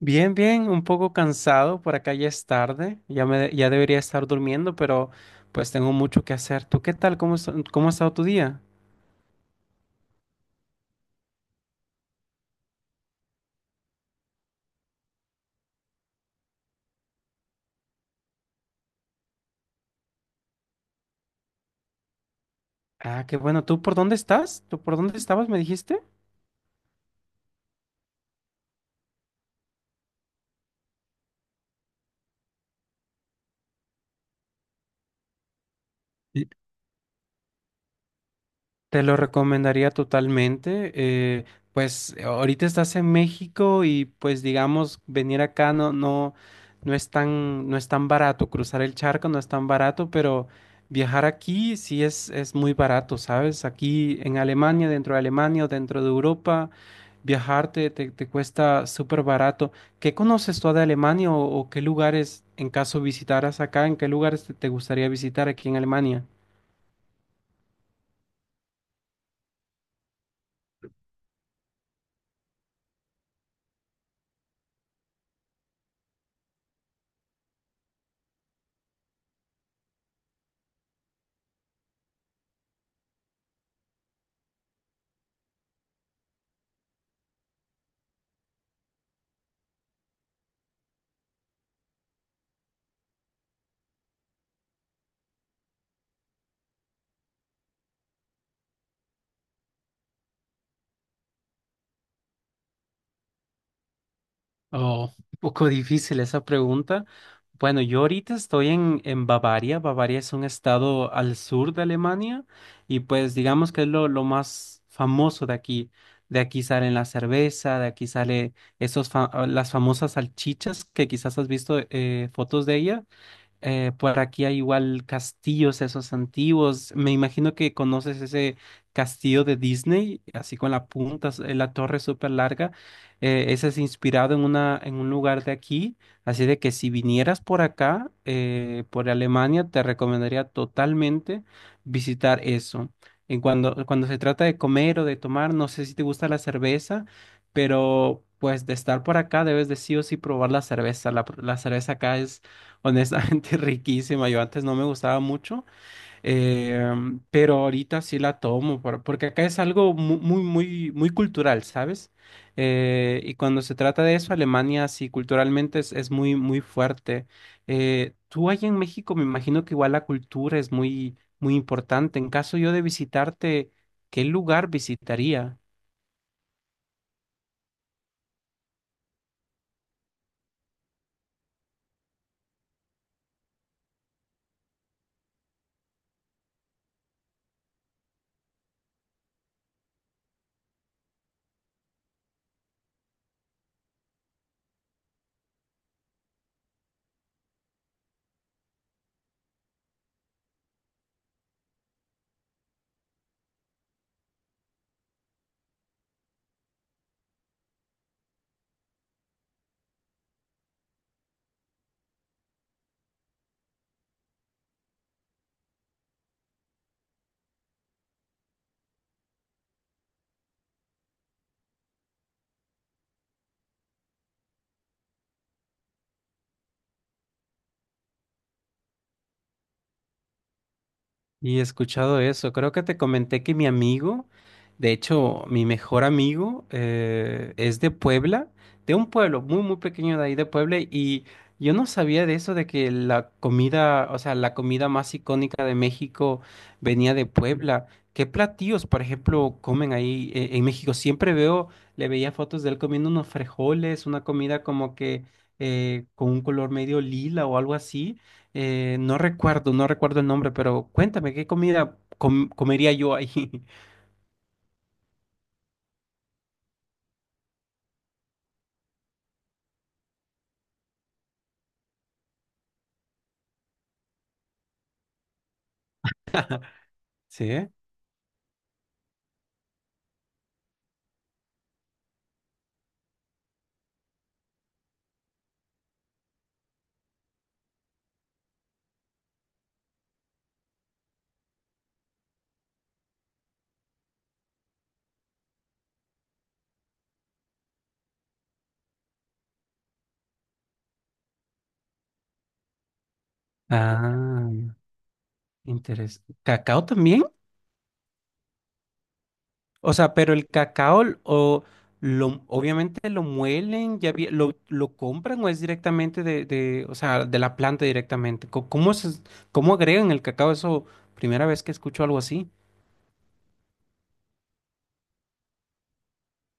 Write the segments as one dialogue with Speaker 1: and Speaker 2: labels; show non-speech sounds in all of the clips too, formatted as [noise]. Speaker 1: Bien, bien, un poco cansado, por acá ya es tarde, ya debería estar durmiendo, pero pues tengo mucho que hacer. ¿Tú qué tal? ¿ Cómo ha estado tu día? Ah, qué bueno. ¿Tú por dónde estás? ¿Tú por dónde estabas, me dijiste? Te lo recomendaría totalmente. Ahorita estás en México y pues digamos, venir acá no es tan, no es tan barato. Cruzar el charco no es tan barato, pero viajar aquí sí es muy barato, ¿sabes? Aquí en Alemania, dentro de Alemania o dentro de Europa, viajarte te, te te cuesta súper barato. ¿Qué conoces tú de Alemania o qué lugares, en caso visitaras acá, en qué lugares te gustaría visitar aquí en Alemania? Oh, un poco difícil esa pregunta. Bueno, yo ahorita estoy en Bavaria. Bavaria es un estado al sur de Alemania y pues digamos que es lo más famoso de aquí. De aquí salen la cerveza, de aquí sale las famosas salchichas que quizás has visto fotos de ella. Por aquí hay igual castillos esos antiguos. Me imagino que conoces ese castillo de Disney, así con la punta, la torre súper larga. Ese es inspirado en en un lugar de aquí. Así de que si vinieras por acá, por Alemania, te recomendaría totalmente visitar eso. Cuando se trata de comer o de tomar, no sé si te gusta la cerveza, pero pues de estar por acá debes de sí o sí probar la cerveza. La cerveza acá es, honestamente, [laughs] riquísima. Yo antes no me gustaba mucho, eh, pero ahorita sí la tomo, porque acá es algo muy, cultural, ¿sabes? Y cuando se trata de eso, Alemania sí culturalmente es muy, muy fuerte. Tú allá en México me imagino que igual la cultura es muy, muy importante. En caso yo de visitarte, ¿qué lugar visitaría? Y he escuchado eso. Creo que te comenté que mi amigo, de hecho, mi mejor amigo, es de Puebla, de un pueblo muy, muy pequeño de ahí de Puebla. Y yo no sabía de eso, de que la comida, o sea, la comida más icónica de México venía de Puebla. ¿Qué platillos, por ejemplo, comen ahí, en México? Le veía fotos de él comiendo unos frijoles, una comida como que con un color medio lila o algo así. No recuerdo el nombre, pero cuéntame, ¿ comería yo ahí? [laughs] ¿Sí? Ah, interesante. ¿Cacao también? O sea, pero el cacao l- o lo, obviamente lo muelen, lo compran o es directamente o sea, de la planta directamente. ¿ Cómo agregan el cacao? Primera vez que escucho algo así.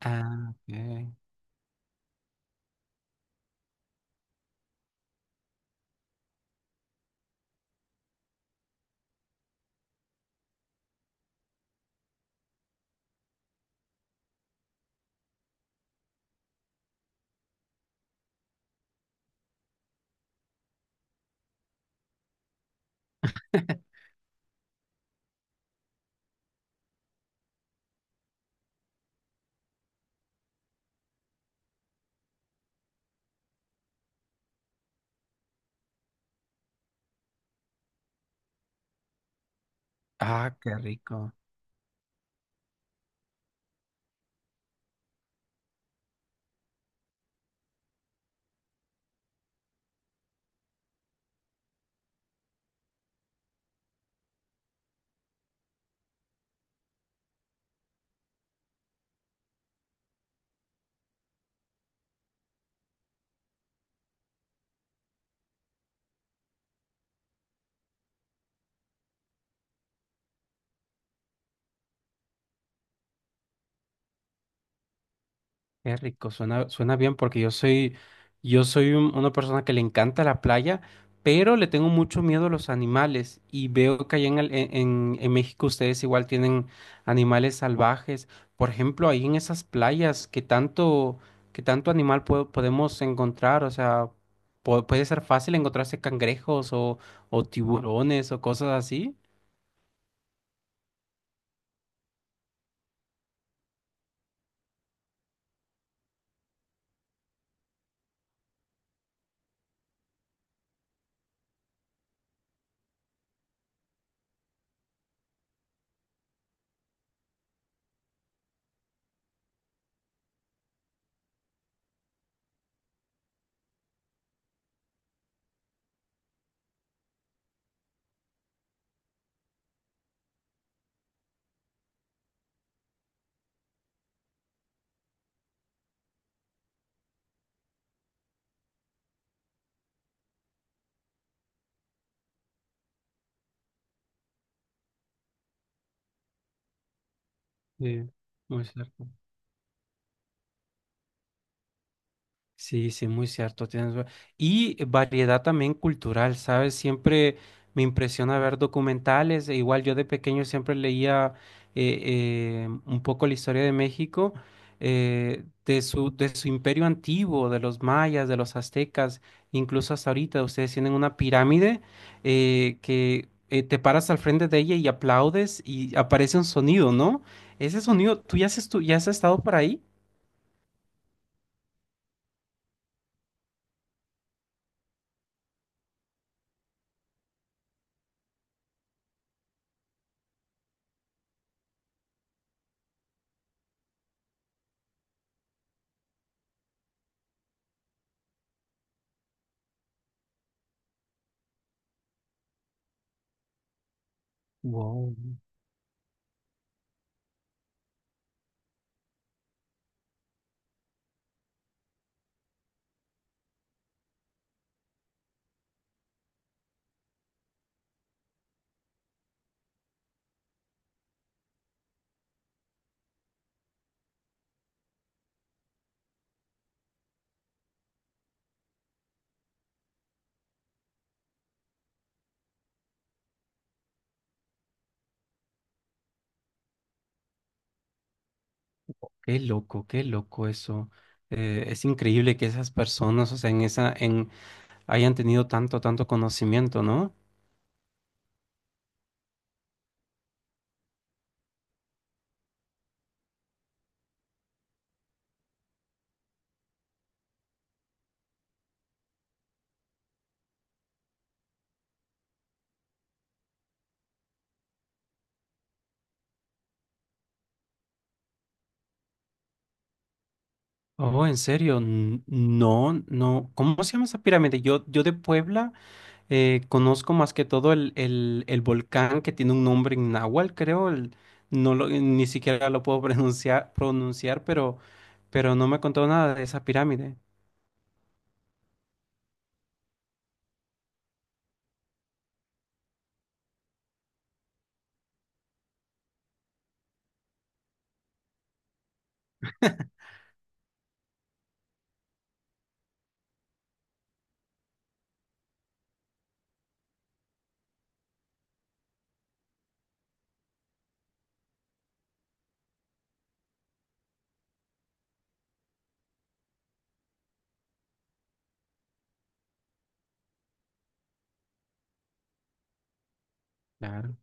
Speaker 1: Ah, ok. [laughs] Ah, qué rico. Qué rico, suena bien porque yo soy una persona que le encanta la playa, pero le tengo mucho miedo a los animales y veo que allá en, el- en México ustedes igual tienen animales salvajes. Por ejemplo, ahí en esas playas, ¿qué tanto animal podemos encontrar? O sea, puede ser fácil encontrarse o tiburones o cosas así. Sí, muy cierto. Sí, sí, muy cierto. Y variedad también cultural, ¿sabes? Siempre me impresiona ver documentales. E igual yo de pequeño siempre leía eh, un poco la historia de México, de su imperio antiguo, de los mayas, de los aztecas, incluso hasta ahorita. Ustedes tienen una pirámide que te paras al frente de ella y aplaudes y aparece un sonido, ¿no? Ese sonido, ¿tú ya has, estu- ya has estado por ahí? Wow. Qué loco eso. Es increíble que esas personas, hayan tenido tanto, tanto conocimiento, ¿no? Oh, en serio, no, no. ¿Cómo se llama esa pirámide? Yo de Puebla conozco más que todo el volcán que tiene un nombre en náhuatl, creo. No lo, ni siquiera lo puedo [laughs] pronunciar, pero no me contó nada de esa pirámide. Claro.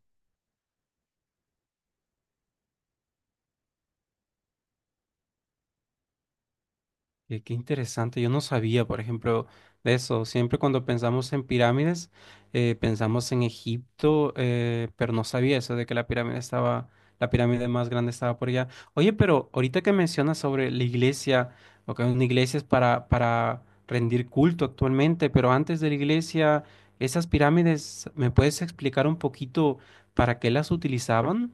Speaker 1: Qué, qué interesante, yo no sabía, por ejemplo, de eso. Siempre cuando pensamos en pirámides, pensamos en Egipto, pero no sabía eso de que la pirámide más grande estaba por allá. Oye, pero ahorita que mencionas sobre la iglesia, o que una iglesia es para rendir culto actualmente, pero antes de la iglesia, esas pirámides, ¿me puedes explicar un poquito para qué las utilizaban?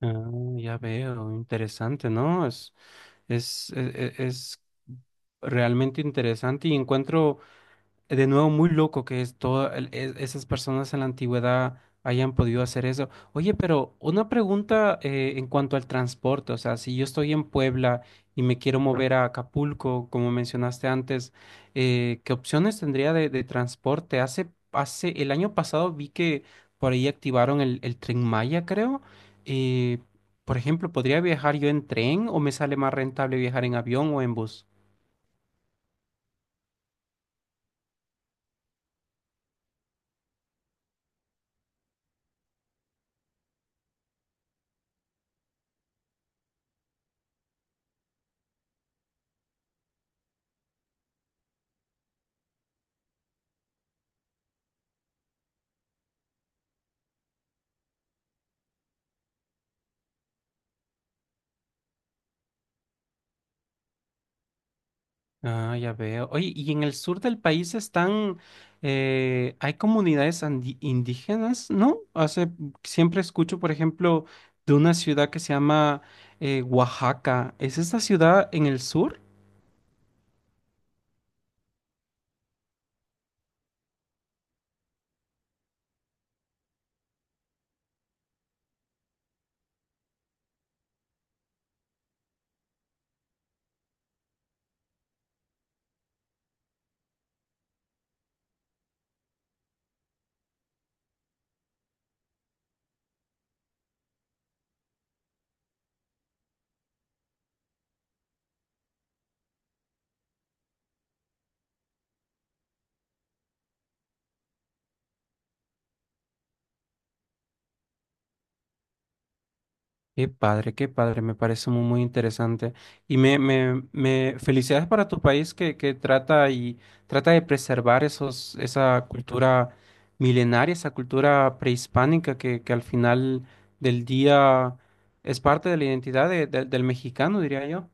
Speaker 1: Ah, ya veo, interesante, ¿no? Es realmente interesante y encuentro, de nuevo, muy loco que es todo esas personas en la antigüedad hayan podido hacer eso. Oye, pero una pregunta, en cuanto al transporte, o sea, si yo estoy en Puebla y me quiero mover a Acapulco, como mencionaste antes, ¿qué opciones tendría de transporte? El año pasado vi que por ahí activaron el Tren Maya, creo. Eh, por ejemplo, ¿podría viajar yo en tren o me sale más rentable viajar en avión o en bus? Ah, ya veo. Oye, ¿y en el sur del país hay comunidades indígenas, ¿no? Siempre escucho, por ejemplo, de una ciudad que se llama Oaxaca. ¿Es esta ciudad en el sur? Qué padre, me parece muy, muy interesante. Y me felicidades para tu país que trata y trata de preservar esa cultura milenaria, esa cultura prehispánica que al final del día es parte de la identidad del mexicano, diría yo.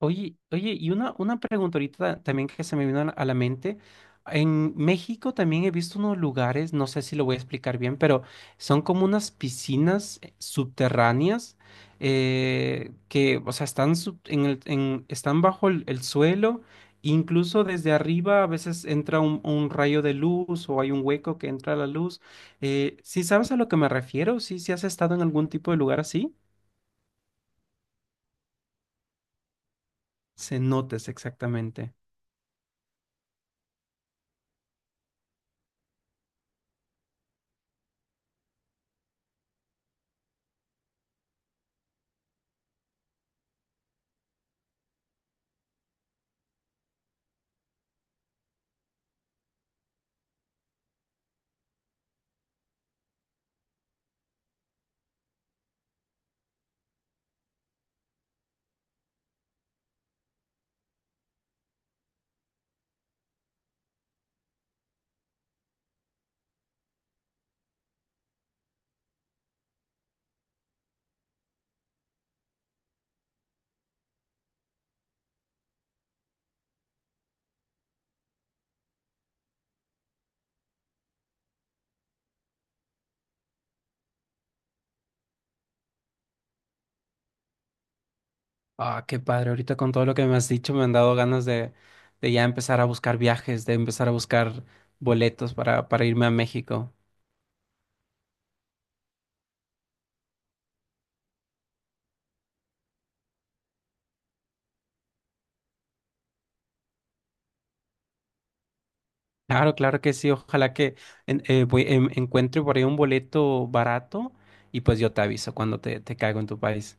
Speaker 1: Oye, oye, y una pregunta ahorita también que se me vino a la mente. En México también he visto unos lugares, no sé si lo voy a explicar bien, pero son como unas piscinas, subterráneas, o sea, están, sub- en el- en- están bajo el suelo, incluso desde arriba a veces entra un rayo de luz o hay un hueco que entra la luz. ¿Sí sabes a lo que me refiero? ¿Sí, sí has estado en algún tipo de lugar así? Cenotes, exactamente. Ah, qué padre. Ahorita con todo lo que me has dicho me han dado ganas de ya empezar a buscar viajes, de empezar a buscar boletos para irme a México. Claro, claro que sí. Ojalá que encuentre por ahí un boleto barato y pues yo te aviso cuando te caigo en tu país.